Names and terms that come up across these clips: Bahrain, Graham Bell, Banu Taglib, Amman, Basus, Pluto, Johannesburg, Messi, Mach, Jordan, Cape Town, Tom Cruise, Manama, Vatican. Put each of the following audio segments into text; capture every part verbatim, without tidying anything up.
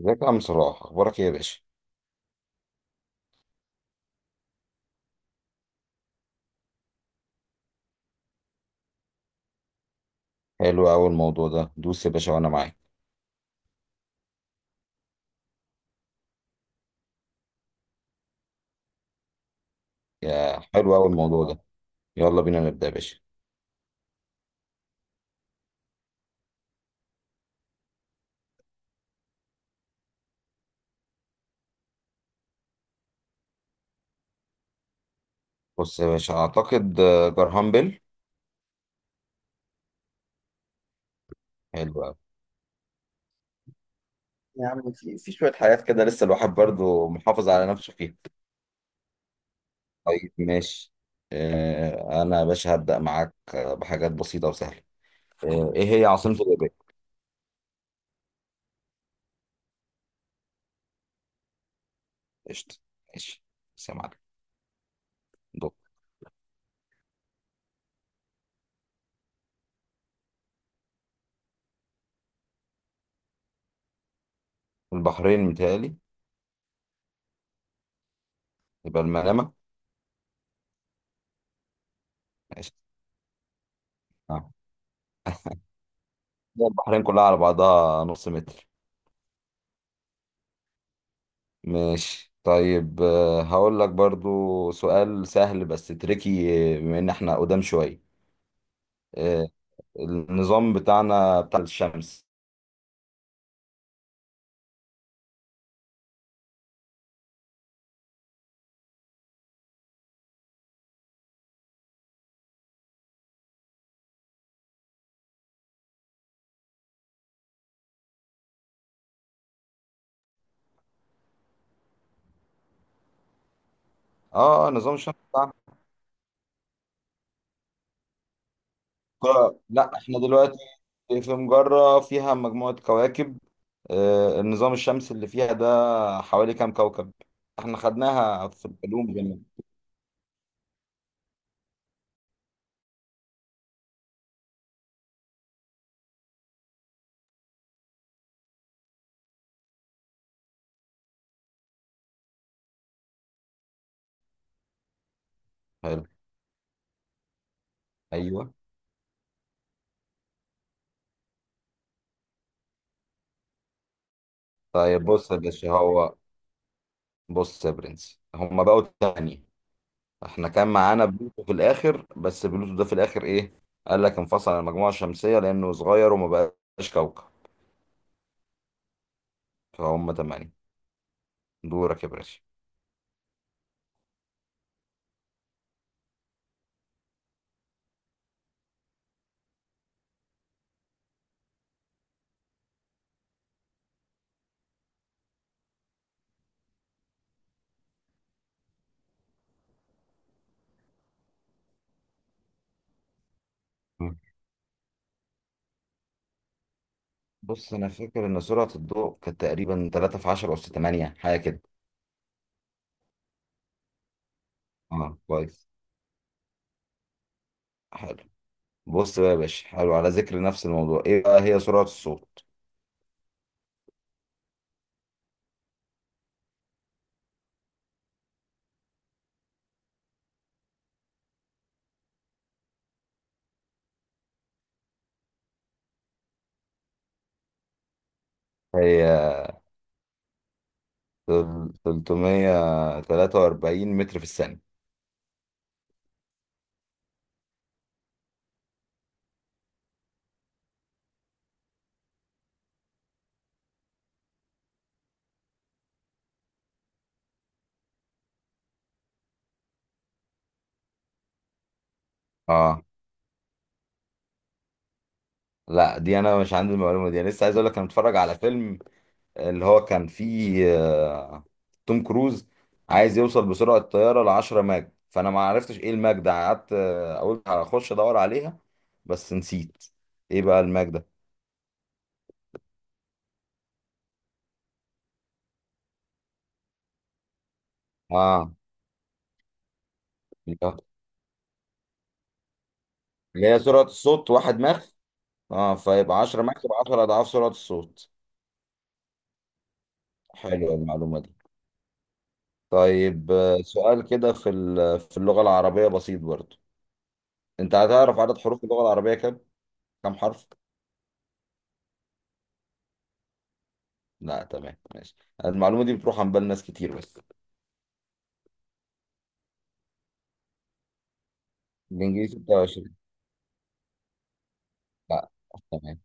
ازيك يا عم صلاح، اخبارك ايه يا باشا؟ حلو قوي الموضوع ده. دوس يا باشا وانا معاك. يا حلو قوي الموضوع ده. يلا بينا نبدا يا باشا. بص يا باشا، اعتقد آه، جرهام بيل. حلو قوي. يا عم في في شويه حاجات كده لسه الواحد برضو محافظ على نفسه فيها. طيب ماشي. آه، انا يا باشا هبدا معاك آه، بحاجات بسيطه وسهله. آه، ايه هي عاصمه اليابان؟ قشطه. ماشي. بس يا معلم. دول. البحرين متهيألي. يبقى المنامه. ماشي. اه. البحرين كلها على بعضها نص متر. ماشي طيب، آه، هقول لك برضو سؤال سهل بس تريكي، آه، بما ان احنا قدام شوية. آه، النظام بتاعنا بتاع الشمس. اه آه، نظام الشمس بتاعنا. ك- لا احنا دلوقتي في مجرة فيها مجموعة كواكب. آه، النظام الشمس اللي فيها ده حوالي كام كوكب؟ احنا خدناها في العلوم زمان. حلو. ايوه. طيب بص يا باشا، هو بص يا برنس، هما بقوا تاني. احنا كان معانا بلوتو في الاخر، بس بلوتو ده في الاخر ايه؟ قال لك انفصل عن المجموعه الشمسيه لانه صغير وما بقاش كوكب. فهم تمانية. دورك يا باشا. مم. بص انا فاكر ان سرعه الضوء كانت تقريبا ثلاثة في عشرة اس تمانية حاجه كده. اه كويس. حلو. بص بقى يا باشا، حلو. على ذكر نفس الموضوع، ايه بقى هي سرعه الصوت؟ هي تل- تلتمية وتلاتة وأربعين متر في الثانيه. اه. لا، دي انا مش عندي المعلومه دي. انا لسه عايز اقول لك، انا متفرج على فيلم اللي هو كان فيه آه، توم كروز عايز يوصل بسرعة الطيارة ل عشرة ماج، فأنا ما عرفتش إيه الماج ده. قعدت آه، أقول هخش أدور عليها. بس نسيت. إيه بقى الماج ده؟ آه اللي هي سرعة الصوت واحد ماخ. آه فيبقى عشرة ماخ يبقى عشر أضعاف سرعة الصوت. حلوة المعلومة دي. طيب، آه، سؤال كده في ال- في اللغة العربية بسيط برضه. أنت هتعرف عدد حروف اللغة العربية كام؟ كام حرف؟ لا تمام ماشي. المعلومة دي بتروح عن بال ناس كتير بس. الانجليزي ستة وعشرين. لا. تمام.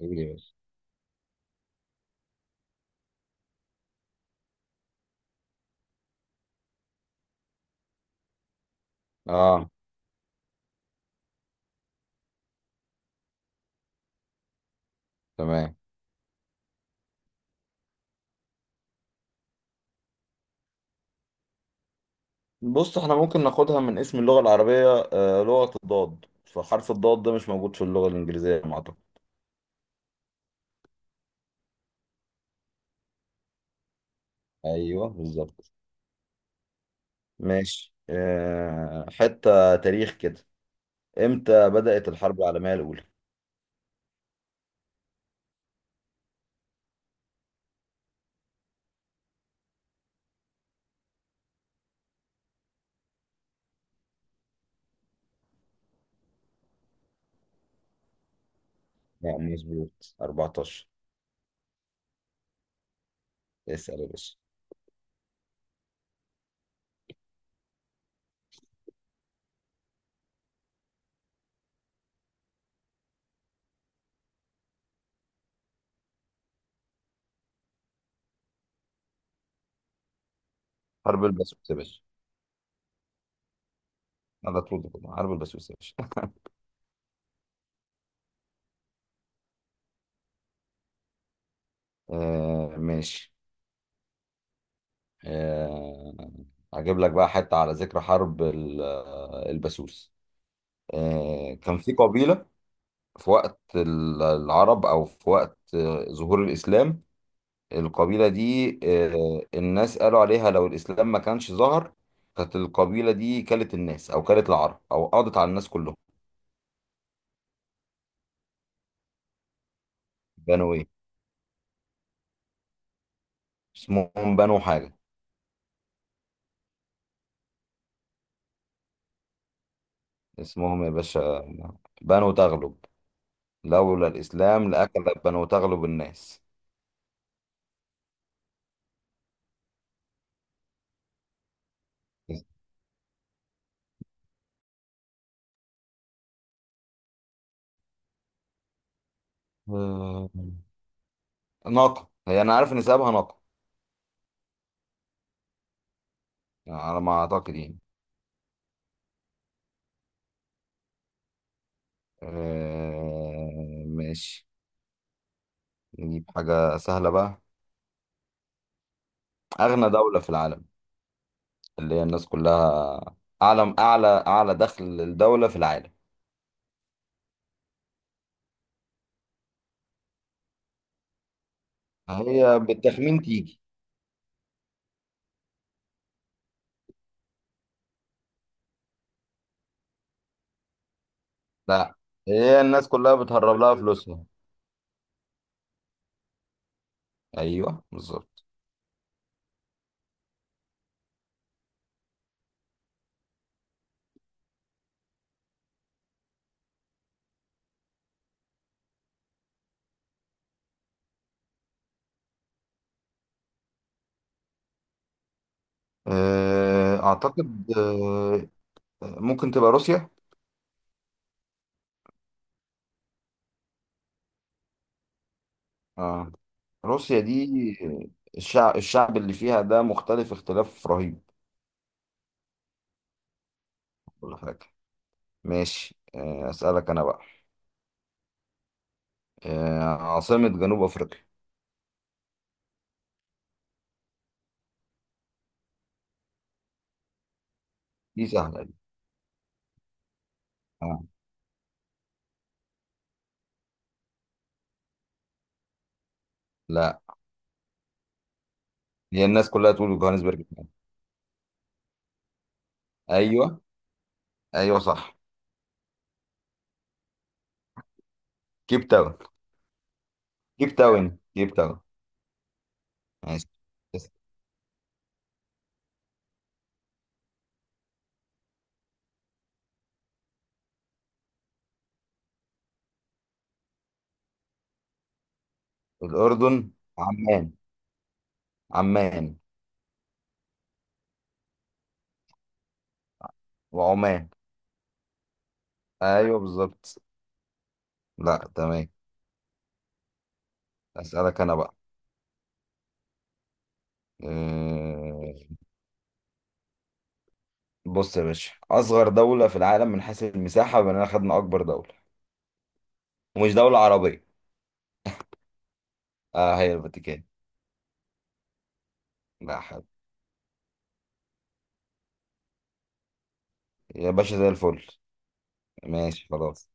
ايه يا باشا؟ اه تمام. بص، احنا ممكن ناخدها من اسم اللغة العربية، آه لغة الضاد. فحرف الضاد ده مش موجود في اللغة الإنجليزية على ما أعتقد. ايوه بالظبط. ماشي. آه حتة تاريخ كده. امتى بدأت الحرب العالمية الأولى؟ لا مظبوط، أربعتاشر. اسأل يا باشا. حرب البسوس يا باشا. على طول كده، حرب البسوس يا باشا. آه ماشي. آه، هجيب لك بقى حتة على ذكر حرب ال- آه، البسوس. آه، كان في قبيلة في وقت ال- العرب، أو في وقت آه، ظهور الإسلام. القبيلة دي آه، الناس قالوا عليها، لو الإسلام ما كانش ظهر كانت القبيلة دي كلت الناس، أو كلت العرب، أو قضت على الناس كلهم. بنوا إيه؟ اسمهم بنو حاجة. اسمهم يا باشا. بنو تغلب. لولا الإسلام لأكلت بنو تغلب الناس. ناقة. هي أنا عارف إن سببها ناقة. على ما أعتقد يعني. آه ماشي. نجيب حاجة سهلة بقى. أغنى دولة في العالم، اللي هي الناس كلها. أعلى أعلى أعلى دخل الدولة في العالم. هي بالتخمين تيجي. لا، هي الناس كلها بتهرب لها فلوسها. أيوه بالظبط. آه أعتقد آه ممكن تبقى روسيا. آه روسيا دي، الشعب الشعب اللي فيها ده مختلف اختلاف رهيب. ولا حاجة. ماشي. آه، أسألك أنا بقى آه، عاصمة جنوب أفريقيا؟ دي سهلة دي. آه. لا، هي الناس كلها تقول جوهانسبرج. أيوه. أيوه صح. كيب تاون. كيب تاون، كيب تاون. ماشي. بس. الأردن، عمان. عمان. وعمان. أيوه بالظبط. لا تمام. أسألك أنا بقى. آه، بص يا باشا، أصغر دولة في العالم من حيث المساحة، بما إننا خدنا أكبر دولة، ومش دولة عربية. آه هي الفاتيكان. لا حول. يا باشا زي الفل. ماشي خلاص.